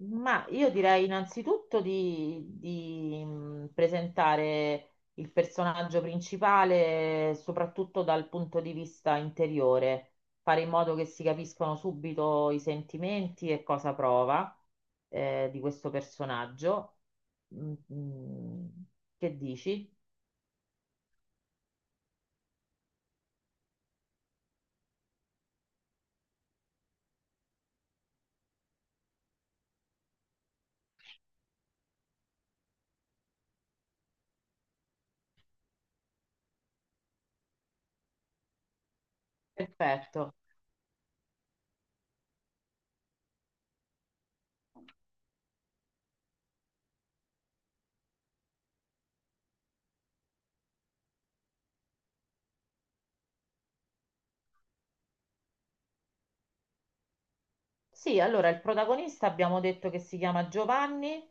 Ma io direi innanzitutto di presentare il personaggio principale soprattutto dal punto di vista interiore, fare in modo che si capiscano subito i sentimenti e cosa prova di questo personaggio. Mm, mm. Che dici? Perfetto. Sì, allora il protagonista abbiamo detto che si chiama Giovanni,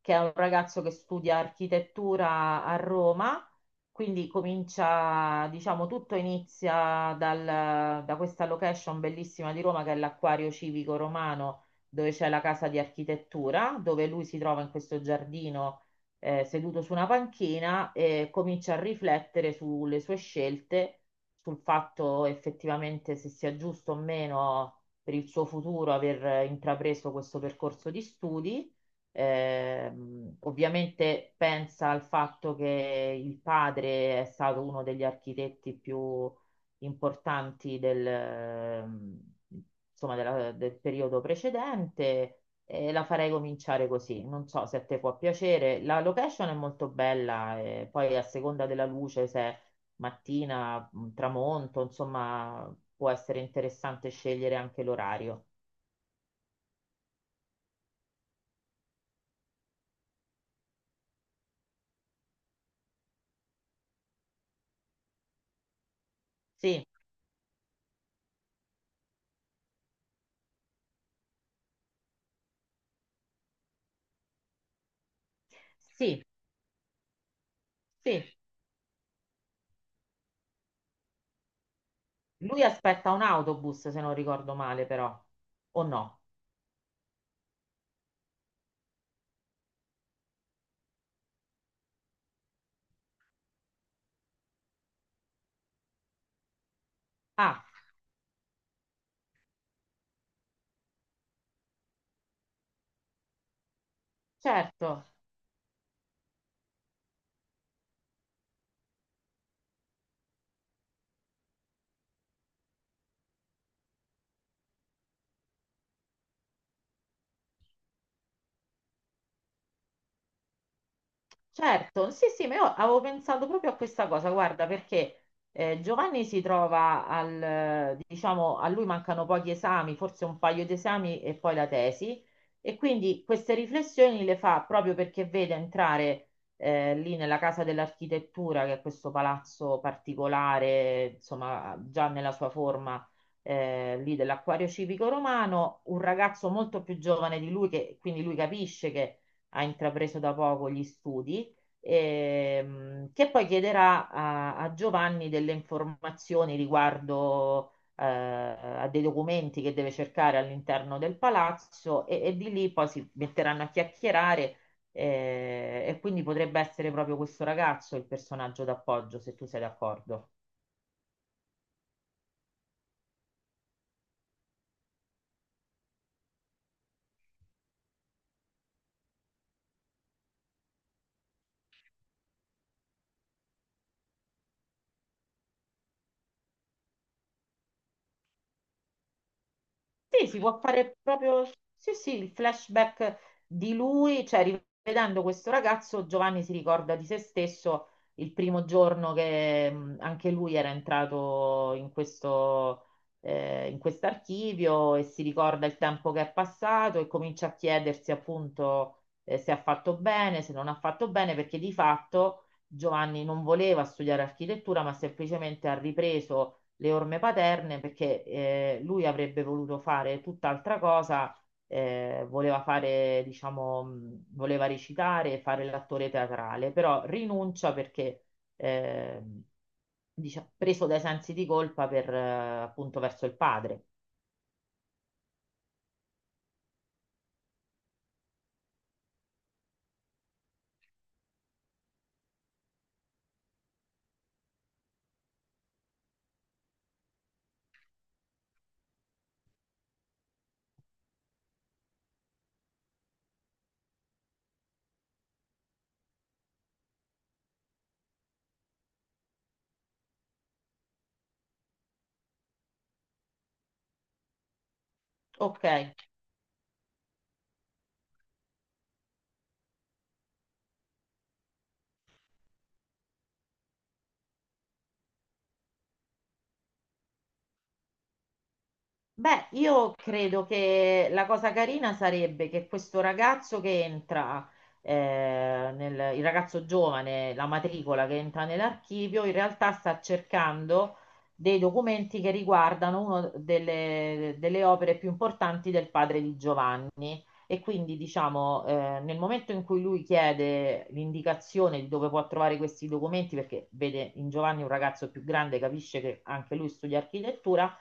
che è un ragazzo che studia architettura a Roma, quindi comincia, diciamo, tutto inizia da questa location bellissima di Roma che è l'Acquario Civico Romano, dove c'è la casa di architettura, dove lui si trova in questo giardino, seduto su una panchina e comincia a riflettere sulle sue scelte, sul fatto effettivamente se sia giusto o meno per il suo futuro aver intrapreso questo percorso di studi. Ovviamente pensa al fatto che il padre è stato uno degli architetti più importanti del periodo precedente, e la farei cominciare così. Non so se a te può piacere. La location è molto bella, e poi a seconda della luce, se mattina, tramonto, insomma, può essere interessante scegliere anche l'orario. Sì, sì, sì. Lui aspetta un autobus, se non ricordo male, però, o no? Ah, certo. Certo, sì, sì, ma io avevo pensato proprio a questa cosa, guarda, perché Giovanni si trova diciamo, a lui mancano pochi esami, forse un paio di esami e poi la tesi, e quindi queste riflessioni le fa proprio perché vede entrare lì nella Casa dell'Architettura, che è questo palazzo particolare, insomma, già nella sua forma lì dell'Acquario Civico Romano, un ragazzo molto più giovane di lui, che quindi lui capisce che ha intrapreso da poco gli studi, che poi chiederà a Giovanni delle informazioni riguardo a dei documenti che deve cercare all'interno del palazzo, e di lì poi si metteranno a chiacchierare, e quindi potrebbe essere proprio questo ragazzo il personaggio d'appoggio, se tu sei d'accordo. Sì, si può fare proprio, sì, sì, il flashback di lui, cioè rivedendo questo ragazzo, Giovanni si ricorda di se stesso il primo giorno che, anche lui era entrato in questo, in quest'archivio, e si ricorda il tempo che è passato e comincia a chiedersi appunto, se ha fatto bene, se non ha fatto bene, perché di fatto Giovanni non voleva studiare architettura, ma semplicemente ha ripreso le orme paterne perché lui avrebbe voluto fare tutt'altra cosa. Voleva fare, diciamo, voleva recitare e fare l'attore teatrale, però rinuncia perché eh, preso dai sensi di colpa per, appunto verso il padre. Ok. Beh, io credo che la cosa carina sarebbe che questo ragazzo che entra, nel, il ragazzo giovane, la matricola che entra nell'archivio, in realtà sta cercando dei documenti che riguardano una delle opere più importanti del padre di Giovanni. E quindi, diciamo, nel momento in cui lui chiede l'indicazione di dove può trovare questi documenti, perché vede in Giovanni un ragazzo più grande, capisce che anche lui studia architettura,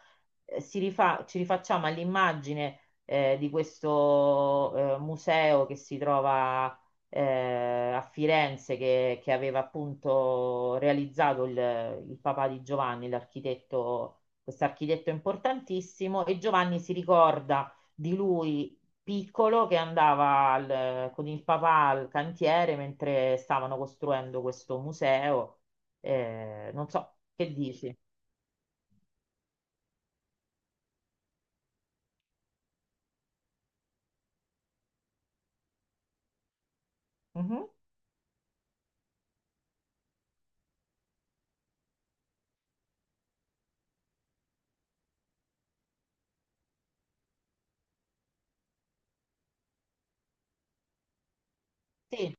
ci rifacciamo all'immagine, di questo museo che si trova a Firenze, che aveva appunto realizzato il papà di Giovanni, l'architetto, questo architetto importantissimo, e Giovanni si ricorda di lui piccolo che andava con il papà al cantiere mentre stavano costruendo questo museo. Non so, che dici? Mhm. Sì.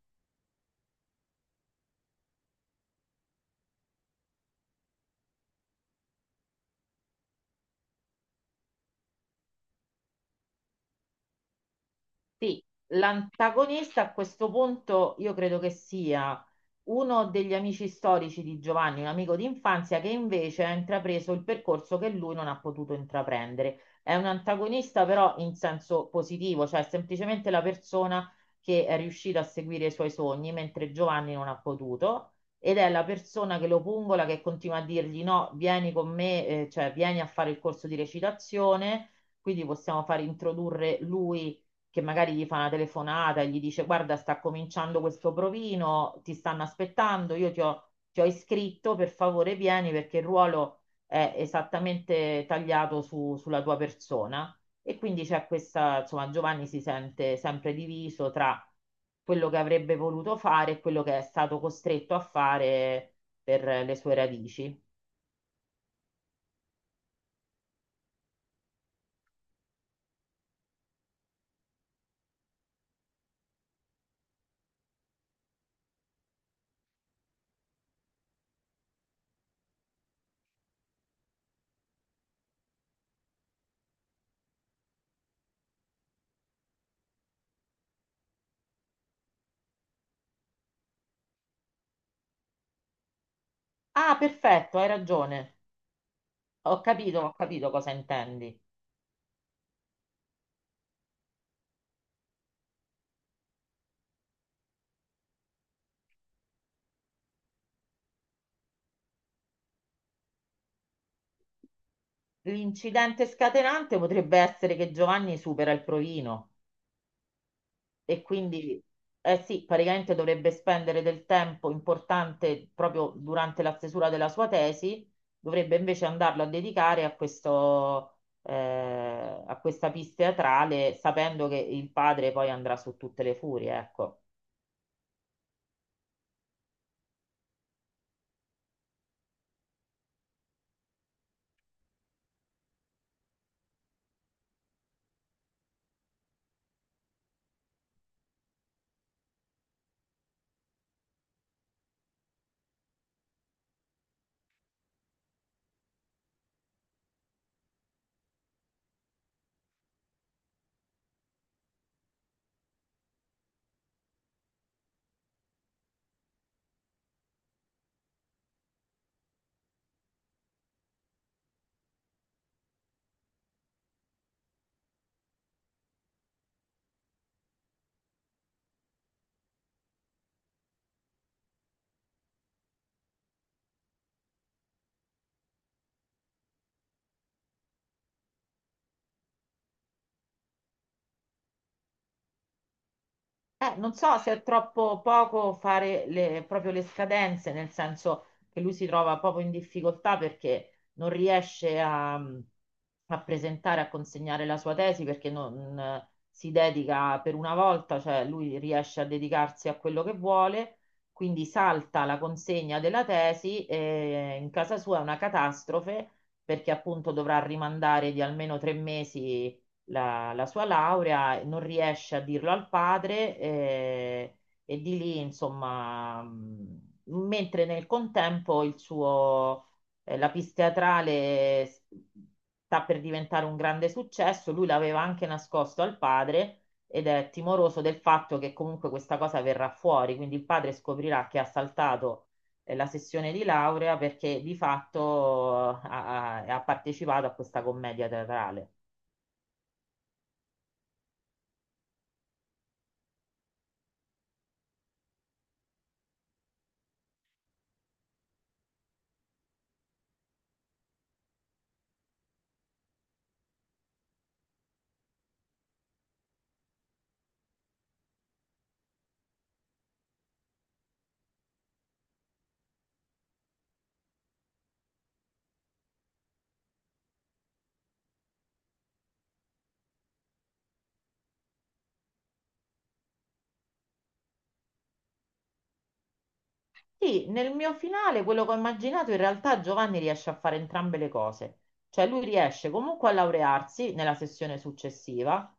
Sì, l'antagonista a questo punto io credo che sia uno degli amici storici di Giovanni, un amico di infanzia che invece ha intrapreso il percorso che lui non ha potuto intraprendere. È un antagonista però in senso positivo, cioè è semplicemente la persona che è riuscita a seguire i suoi sogni mentre Giovanni non ha potuto, ed è la persona che lo pungola, che continua a dirgli no, vieni con me, cioè vieni a fare il corso di recitazione. Quindi possiamo far introdurre lui, che magari gli fa una telefonata e gli dice: Guarda, sta cominciando questo provino, ti stanno aspettando, ti ho iscritto, per favore vieni perché il ruolo è esattamente tagliato sulla tua persona. E quindi c'è questa, insomma, Giovanni si sente sempre diviso tra quello che avrebbe voluto fare e quello che è stato costretto a fare per le sue radici. Ah, perfetto, hai ragione. Ho capito cosa intendi. L'incidente scatenante potrebbe essere che Giovanni supera il provino e quindi, eh sì, praticamente dovrebbe spendere del tempo importante proprio durante la stesura della sua tesi, dovrebbe invece andarlo a dedicare a questo, a questa pista teatrale, sapendo che il padre poi andrà su tutte le furie, ecco. Non so se è troppo poco fare le, proprio le scadenze, nel senso che lui si trova proprio in difficoltà perché non riesce a presentare, a consegnare la sua tesi perché non si dedica per una volta, cioè lui riesce a dedicarsi a quello che vuole, quindi salta la consegna della tesi e in casa sua è una catastrofe perché appunto dovrà rimandare di almeno tre mesi la sua laurea, non riesce a dirlo al padre, e di lì, insomma, mentre nel contempo il suo, la pista teatrale sta per diventare un grande successo, lui l'aveva anche nascosto al padre ed è timoroso del fatto che comunque questa cosa verrà fuori, quindi il padre scoprirà che ha saltato la sessione di laurea perché di fatto ha partecipato a questa commedia teatrale. Sì, nel mio finale, quello che ho immaginato, in realtà Giovanni riesce a fare entrambe le cose. Cioè lui riesce comunque a laurearsi nella sessione successiva,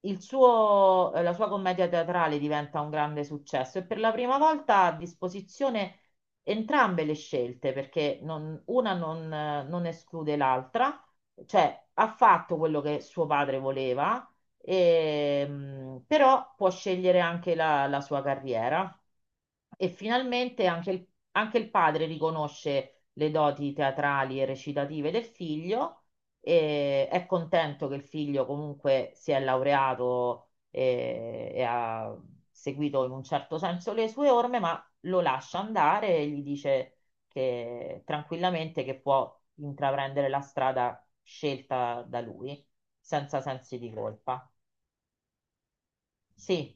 la sua commedia teatrale diventa un grande successo e per la prima volta ha a disposizione entrambe le scelte, perché non- una non, non esclude l'altra, cioè ha fatto quello che suo padre voleva, però può scegliere anche la la sua carriera. E finalmente anche il padre riconosce le doti teatrali e recitative del figlio, e è contento che il figlio comunque si è laureato, ha seguito in un certo senso le sue orme, ma lo lascia andare e gli dice che tranquillamente che può intraprendere la strada scelta da lui, senza sensi di colpa. Sì,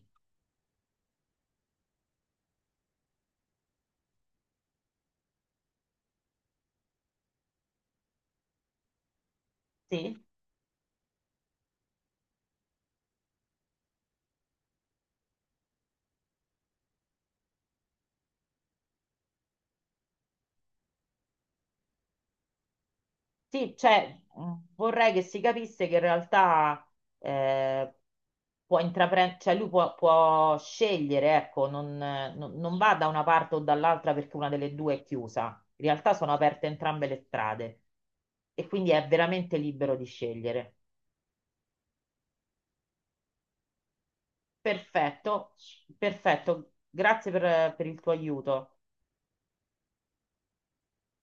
sì. Sì, cioè, vorrei che si capisse che in realtà eh, può intraprendere, cioè lui può, può scegliere, ecco, non va da una parte o dall'altra perché una delle due è chiusa. In realtà sono aperte entrambe le strade e quindi è veramente libero di scegliere. Perfetto, perfetto, grazie per il tuo aiuto.